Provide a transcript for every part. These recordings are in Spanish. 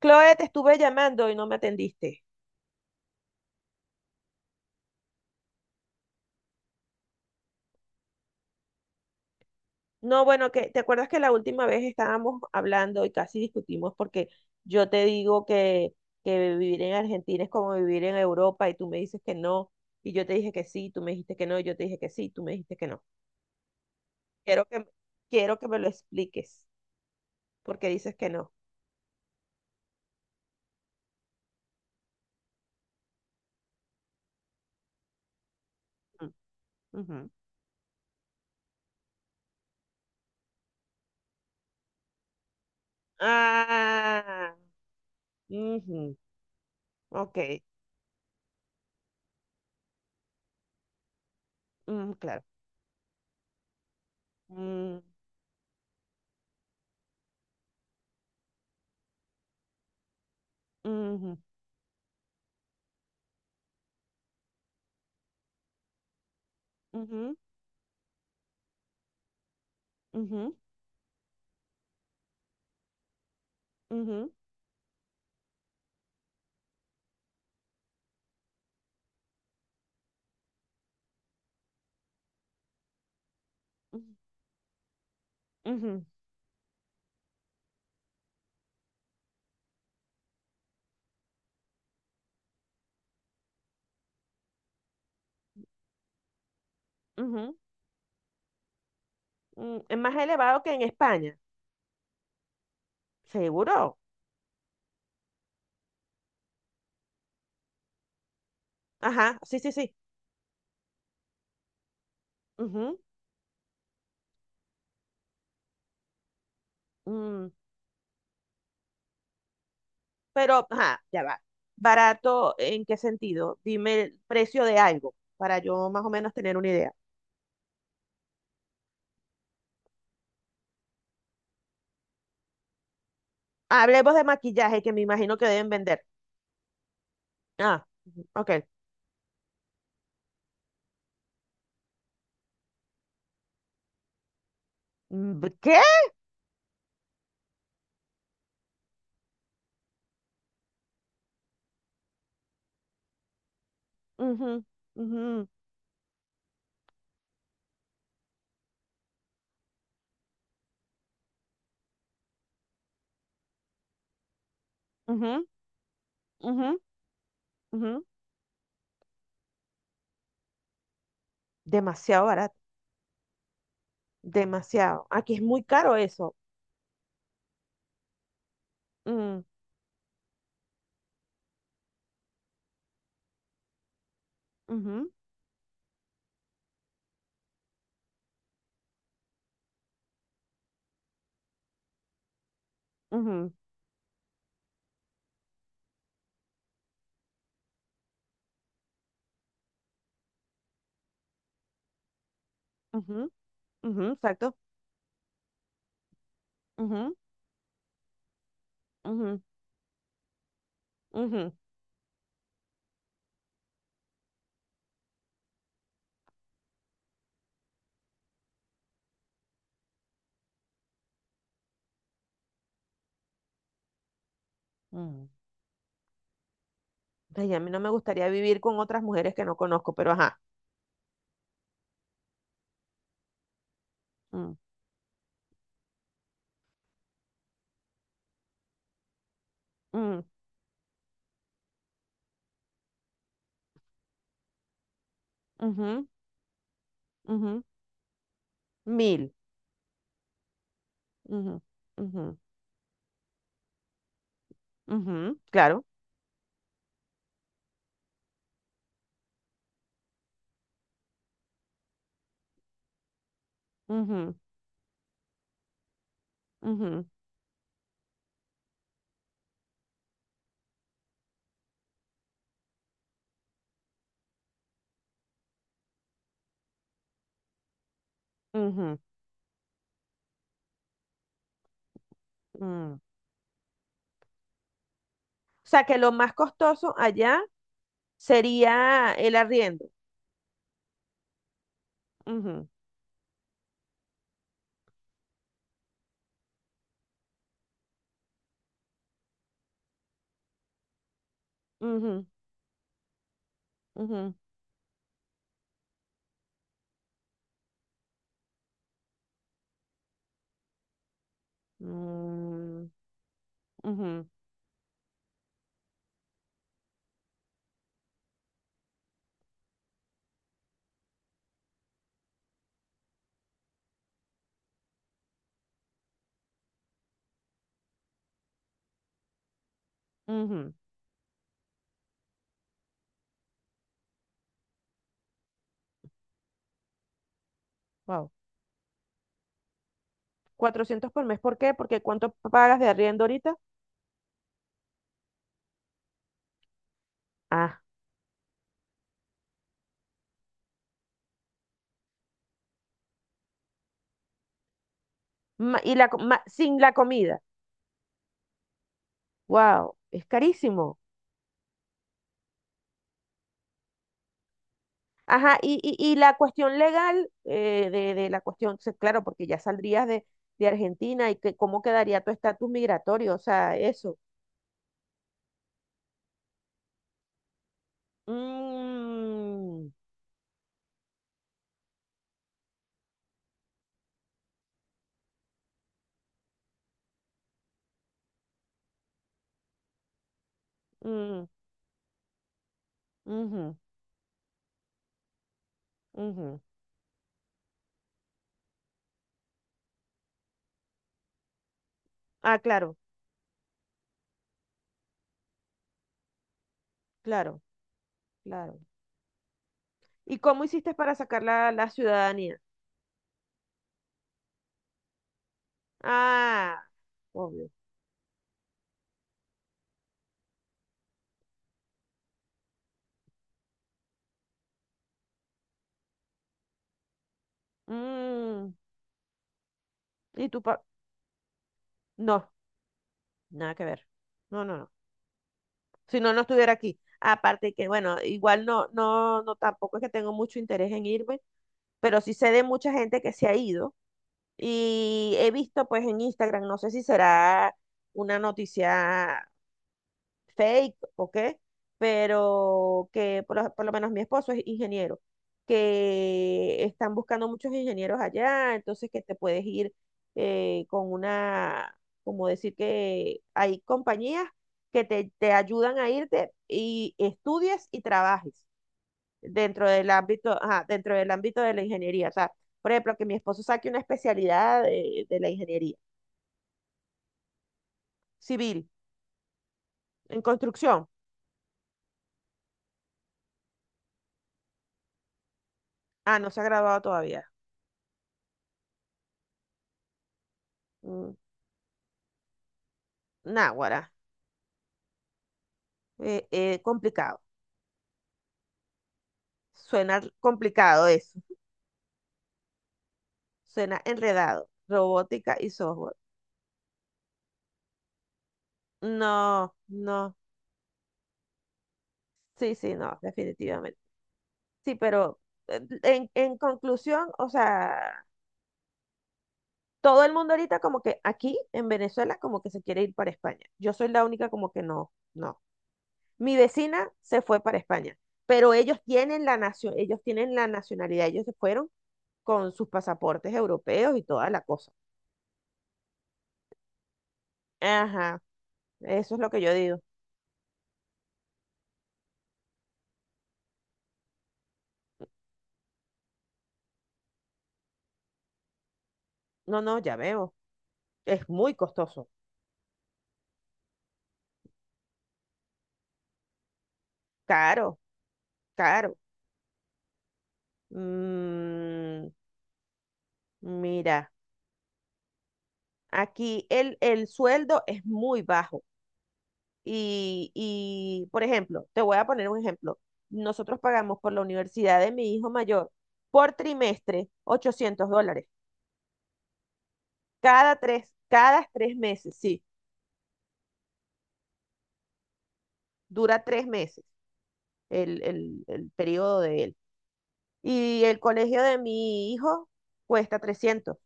Chloe, te estuve llamando y no me atendiste. No, bueno, que te acuerdas que la última vez estábamos hablando y casi discutimos porque yo te digo que vivir en Argentina es como vivir en Europa y tú me dices que no, y yo te dije que sí, tú me dijiste que no, y yo te dije que sí, tú me dijiste que no. Quiero que, Quiero que me lo expliques porque dices que no. Mm, ujú. Ah, ujú, ok, mm, claro. Mm, ujú, ujú, ujú, ujú, ujú, ujú, ujú. Mm, es más elevado que en España. Seguro. Ajá, sí, sí, sí. Ujú, mm, pero, ajá, ya va. ¿Barato en qué sentido? Dime el precio de algo para yo más o menos tener una idea. Hablemos de maquillaje que me imagino que deben vender. Ah, ujú, ok. Mm, ¿qué? Ujú, ujú, ujú, ujú, ujú. Demasiado barato, demasiado. Aquí es muy caro eso. Mm, ujú, ujú, ujú, ujú, exacto. Ujú, ujú, ujú, ujú. Ay, a mí no me gustaría vivir con otras mujeres que no conozco, pero ajá. Mm, mm, ujú, ujú, mil. Ujú, ujú, ujú, claro. Ujú, ujú, ujú, mm. O sea, que lo más costoso allá sería el arriendo. Ujú, ujú, ujú, mm, ujú, ujú. Wow. Cuatrocientos por mes. ¿Por qué? Porque ¿cuánto pagas de arriendo ahorita? Ah, sin la comida. Wow, es carísimo. Ajá, y la cuestión legal de la claro, porque ya saldrías de Argentina y que, cómo quedaría tu estatus migratorio, o sea, eso. Mm, mm, ujú, ujú. Ah, claro, claro, claro. ¿Y cómo hiciste para sacar la ciudadanía? Ah, obvio. Mm, ¿y tu pa- no, nada que ver. No, no, no. Si no, no estuviera aquí. Aparte que, bueno, igual no, no, no, tampoco es que tengo mucho interés en irme, pero sí sé de mucha gente que se ha ido y he visto pues en Instagram, no sé si será una noticia fake o qué, pero que por lo menos mi esposo es ingeniero, que están buscando muchos ingenieros allá, entonces que te puedes ir eh, con una, como decir que hay compañías te ayudan a irte y estudies y trabajes dentro del ámbito, ajá, dentro del ámbito de la ingeniería. O sea, por ejemplo, que mi esposo saque una especialidad de la ingeniería civil, en construcción. Ah, no se ha graduado todavía. Mm, náguara, complicado. Suena complicado eso. Suena enredado. Robótica y software. No, no. Sí, sí, no, definitivamente. Sí, pero en conclusión, o sea, todo el mundo ahorita como que aquí en Venezuela como que se quiere ir para España. Yo soy la única como que no, no. Mi vecina se fue para España, pero ellos tienen la ellos tienen la nacionalidad, ellos se fueron con sus pasaportes europeos y toda la cosa. Ajá, eso es lo que yo digo. No, no, ya veo. Es muy costoso, caro, caro. Mm, mira, aquí el sueldo es muy bajo. Por ejemplo, te voy a poner un ejemplo. Nosotros pagamos por la universidad de mi hijo mayor por trimestre 800 dólares. Cada tres meses, sí, dura tres meses el periodo de él. Y el colegio de mi hijo cuesta trescientos,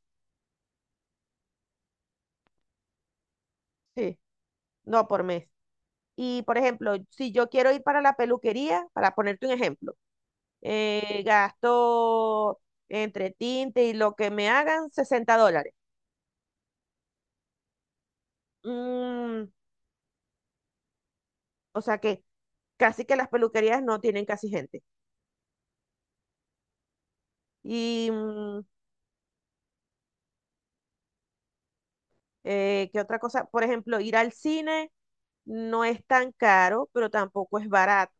sí, no por mes. Y, por ejemplo, si yo quiero ir para la peluquería, para ponerte un ejemplo, gasto entre tinte y lo que me hagan 60 dólares. Mm, o sea que casi que las peluquerías no tienen casi gente. Y mm, qué otra cosa, por ejemplo, ir al cine no es tan caro, pero tampoco es barato.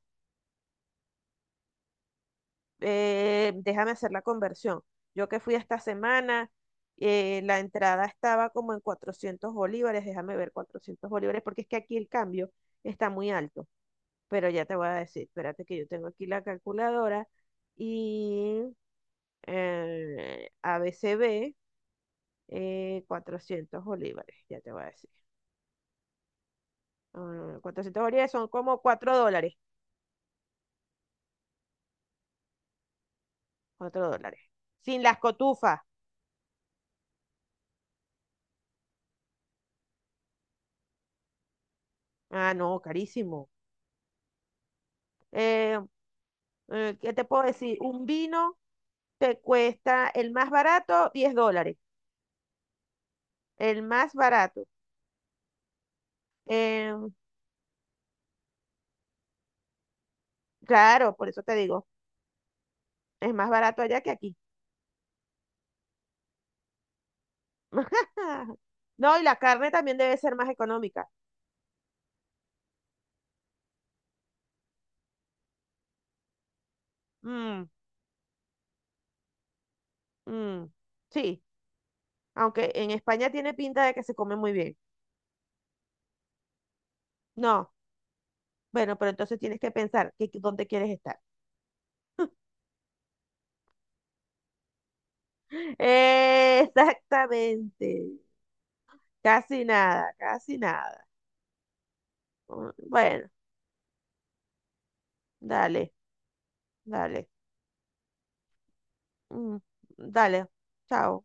Déjame hacer la conversión. Yo que fui esta semana, la entrada estaba como en 400 bolívares, déjame ver, 400 bolívares, porque es que aquí el cambio está muy alto. Pero ya te voy a decir, espérate que yo tengo aquí la calculadora y ABCB. 400 bolívares, ya te voy a decir. Ah, 400 bolívares son como 4 dólares. Cuatro dólares. Sin las cotufas. Ah, no, carísimo. Eh, ¿Qué te puedo decir? Un vino te cuesta el más barato 10 dólares. El más barato. Eh, claro, por eso te digo, es más barato allá que aquí. No, y la carne también debe ser más económica. Mm, mm, sí, aunque en España tiene pinta de que se come muy bien. No, bueno, pero entonces tienes que pensar dónde quieres estar. Exactamente. Casi nada, casi nada. Mm, bueno, dale, dale. Mm, dale, chao.